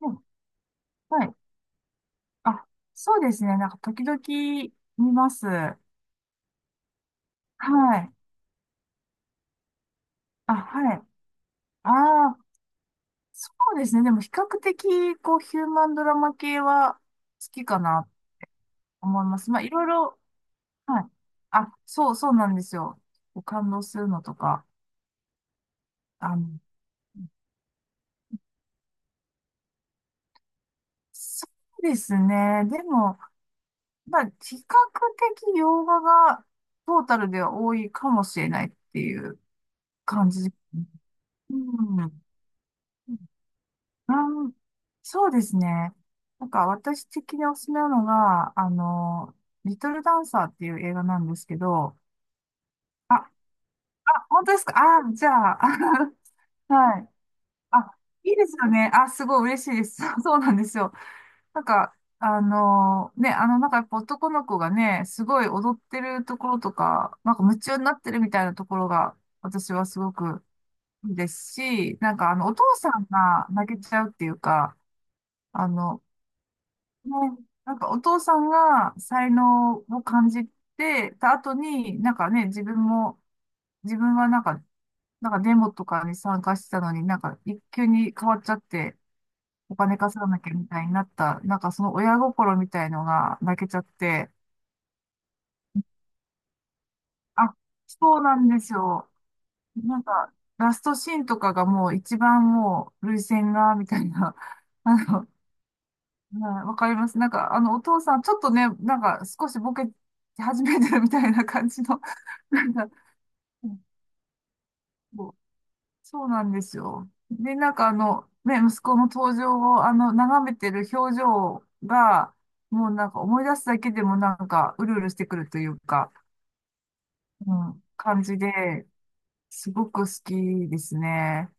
うん。はい。あ、そうですね。なんか、時々見ます。はい。あ、はい。ああ、そうですね。でも、比較的、こう、ヒューマンドラマ系は好きかなと思います。まあ、いろいろ、はい。あ、そう、そうなんですよ。こう感動するのとか。あの、そうですね。でも、まあ、比較的洋画がトータルでは多いかもしれないっていう感じ。うん。あーそうですね。なんか私的におすすめなのが、リトルダンサーっていう映画なんですけど、あ、本当ですか？じゃあ、はい。あ、いいですよね。あ、すごい嬉しいです。そうなんですよ。なんか、なんかやっぱ男の子がね、すごい踊ってるところとか、なんか夢中になってるみたいなところが、私はすごくいいですし、なんかお父さんが泣けちゃうっていうか、あの、ね、なんかお父さんが才能を感じてた後に、なんかね、自分はなんか、なんかデモとかに参加してたのに、なんか一級に変わっちゃって、お金稼がなきゃみたいになった、なんかその親心みたいのが泣けちゃって、あ、そうなんですよ。なんか、ラストシーンとかがもう一番もう、涙腺が、みたいな、あの、はい、わかります。なんか、お父さん、ちょっとね、なんか、少しボケ始めてるみたいな感じの、なんか、そうそうなんですよ。で、なんか、息子の登場を、眺めてる表情が、もうなんか、思い出すだけでも、なんか、うるうるしてくるというか、うん、感じで、すごく好きですね。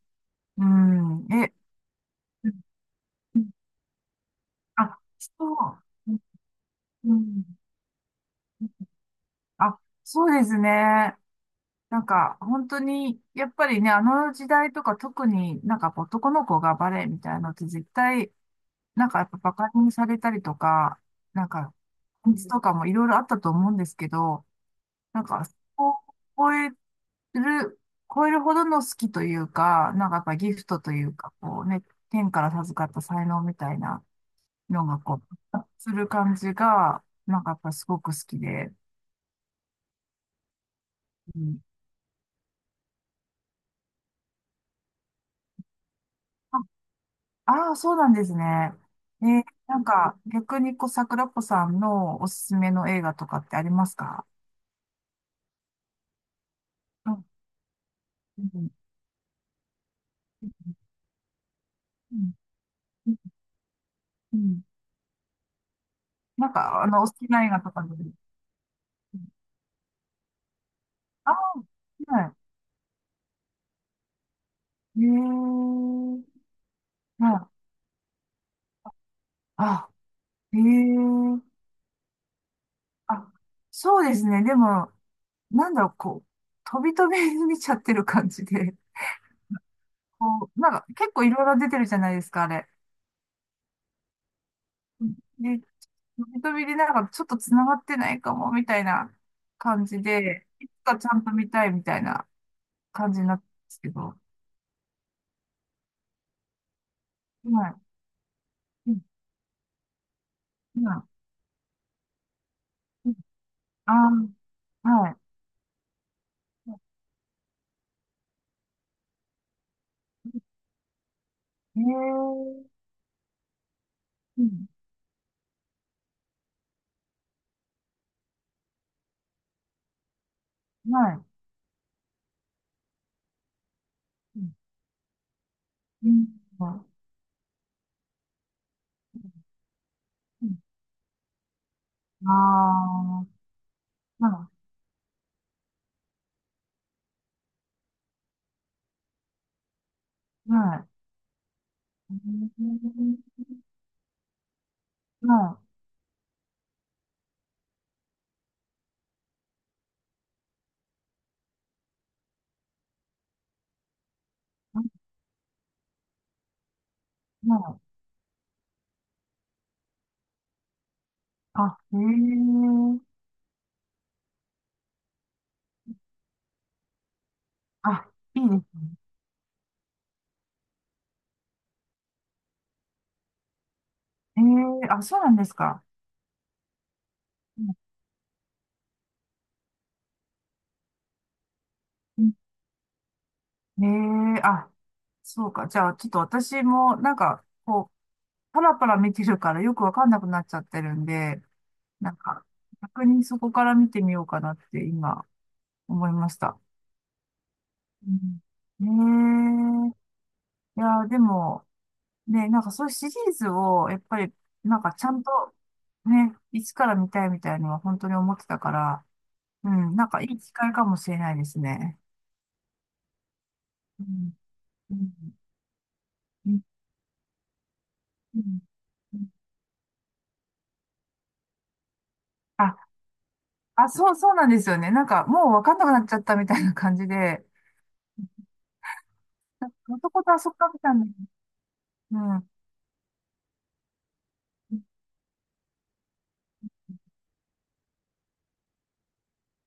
うん。え、うん。あ、そう、うん、あ、そうですね。なんか、本当に、やっぱりね、あの時代とか特になんか男の子がバレエみたいなのって絶対、なんかやっぱバカにされたりとか、なんか、うとかもいろいろあったと思うんですけど、なんか、そこを超える、超えるほどの好きというか、なんかやっぱギフトというか、こうね、天から授かった才能みたいなのがこう、する感じが、なんかやっぱすごく好きで、うん。そうなんですね。なんか、逆にこう、桜子さんのおすすめの映画とかってありますか？うん、うん、うん、うん。なんか、お好きな映画とかで。ああ、はい。えー、はい。あ、えー、あ、そうですね。でも、なんだろう、こう、飛び飛びに見ちゃってる感じで、こう、なんか、結構いろいろ出てるじゃないですか、あれ。ね、飛びでなんかちょっと繋がってないかも、みたいな感じで、いつかちゃんと見たいみたいな感じになったんですけど、はい。うん、今、うん、ああ、はい。ええ、うん、はい。うん、うん、ああ、はい、はい。うん、はい、はい。あ、ええ、あ、いいです。ええ、あ、そうなんですか？うん。ね、え、あ、そうか。じゃあ、ちょっと私も、なんか、こう、パラパラ見てるからよくわかんなくなっちゃってるんで、なんか、逆にそこから見てみようかなって今、思いました。うん、ええ、いや、でも、ね、なんかそういうシリーズを、やっぱり、なんかちゃんと、ね、いつから見たいみたいのは本当に思ってたから、うん、なんかいい機会かもしれないですね。うん、うん、うん、うん。あ、そう、そうなんですよね。なんか、もうわかんなくなっちゃったみたいな感じで、男と遊そったんだ。うん。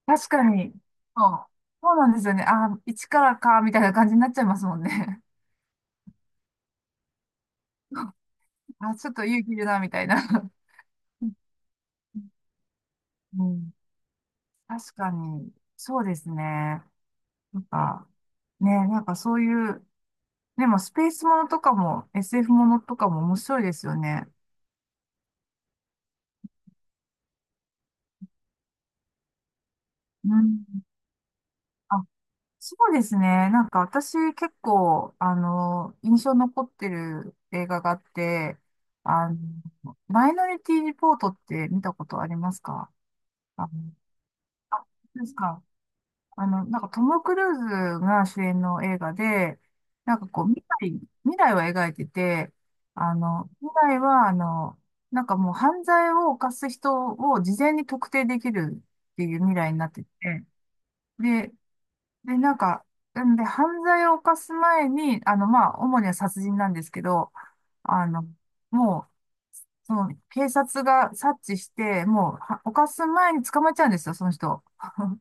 確かに。そう。そうなんですよね。あ、一からか、みたいな感じになっちゃいますもんね。あ、ちょっと勇気いるな、みたいな。うん。確かに。そうですね。なんか、ね、なんかそういう、でもスペースものとかも SF ものとかも面白いですよね。うん。そうですね。なんか私結構、印象残ってる映画があって、マイノリティリポートって見たことありますか？あの、そうですか？なんかトム・クルーズが主演の映画で、なんかこう、未来を描いてて、未来は、なんかもう犯罪を犯す人を事前に特定できるっていう未来になってて、で、で、なんか、なんで、犯罪を犯す前に、まあ、主には殺人なんですけど、あの、もう、その、警察が察知して、もう、は犯す前に捕まっちゃうんですよ、その人。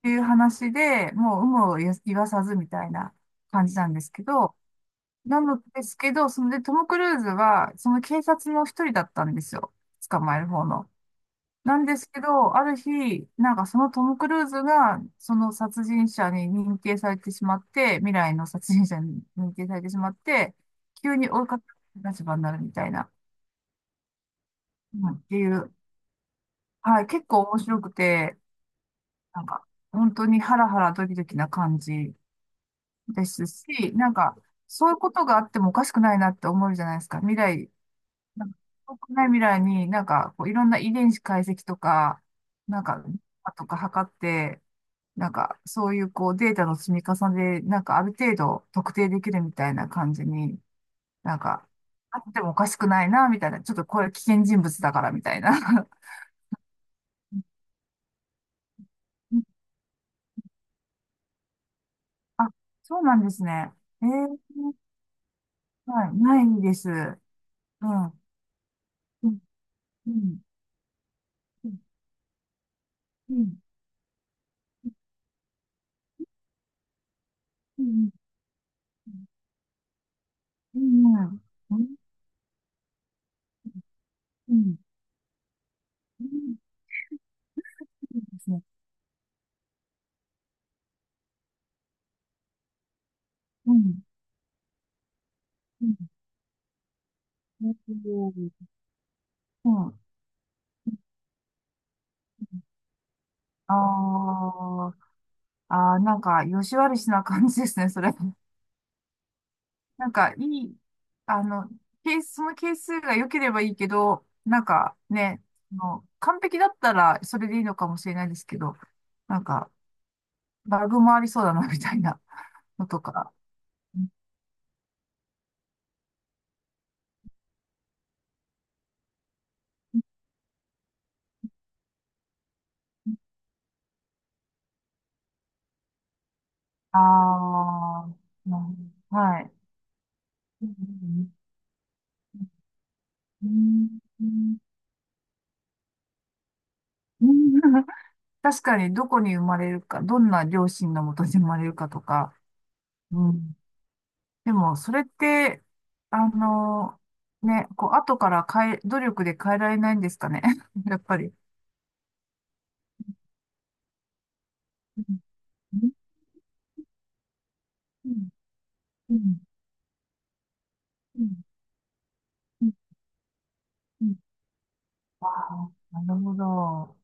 っていう話で、もう、有無を言わさずみたいな感じなんですけど、なのですけど、そので、トム・クルーズは、その警察の一人だったんですよ。捕まえる方の。なんですけど、ある日、なんかそのトム・クルーズが、その殺人者に認定されてしまって、未来の殺人者に認定されてしまって、急に追いかける立場になるみたいな、うんっていう、はい、結構面白くて、なんか、本当にハラハラドキドキな感じですし、なんか、そういうことがあってもおかしくないなって思うじゃないですか。未来、なんか、遠くない未来になんか、こういろんな遺伝子解析とか、なんか、とか測って、なんか、そういうこうデータの積み重ねで、なんかある程度特定できるみたいな感じに、なんか、あってもおかしくないな、みたいな。ちょっとこれ危険人物だから、みたいな。うん。あ、そうなんですね。えー、はい、ないです。うん。うん、うん、うん、うん、うん、うん、うん、うん、うん、うん、ですね。うん、うん、うん、うん、ああ、ああ、なんか、よし悪しな感じですね、それ。なんか、いい、あの、ケース、その係数が良ければいいけど、なんかね、完璧だったらそれでいいのかもしれないですけど、なんか、バグもありそうだな、みたいなのとか。ああ、うん、はい。うん、うん、うん。 うん、確かに、どこに生まれるか、どんな両親のもとに生まれるかとか、うん、でも、それって、あの、ね、こう、後から変え、努力で変えられないんですかね。やっぱり。うん、うん、うん、うん、うん、うん、ああ、なるほど。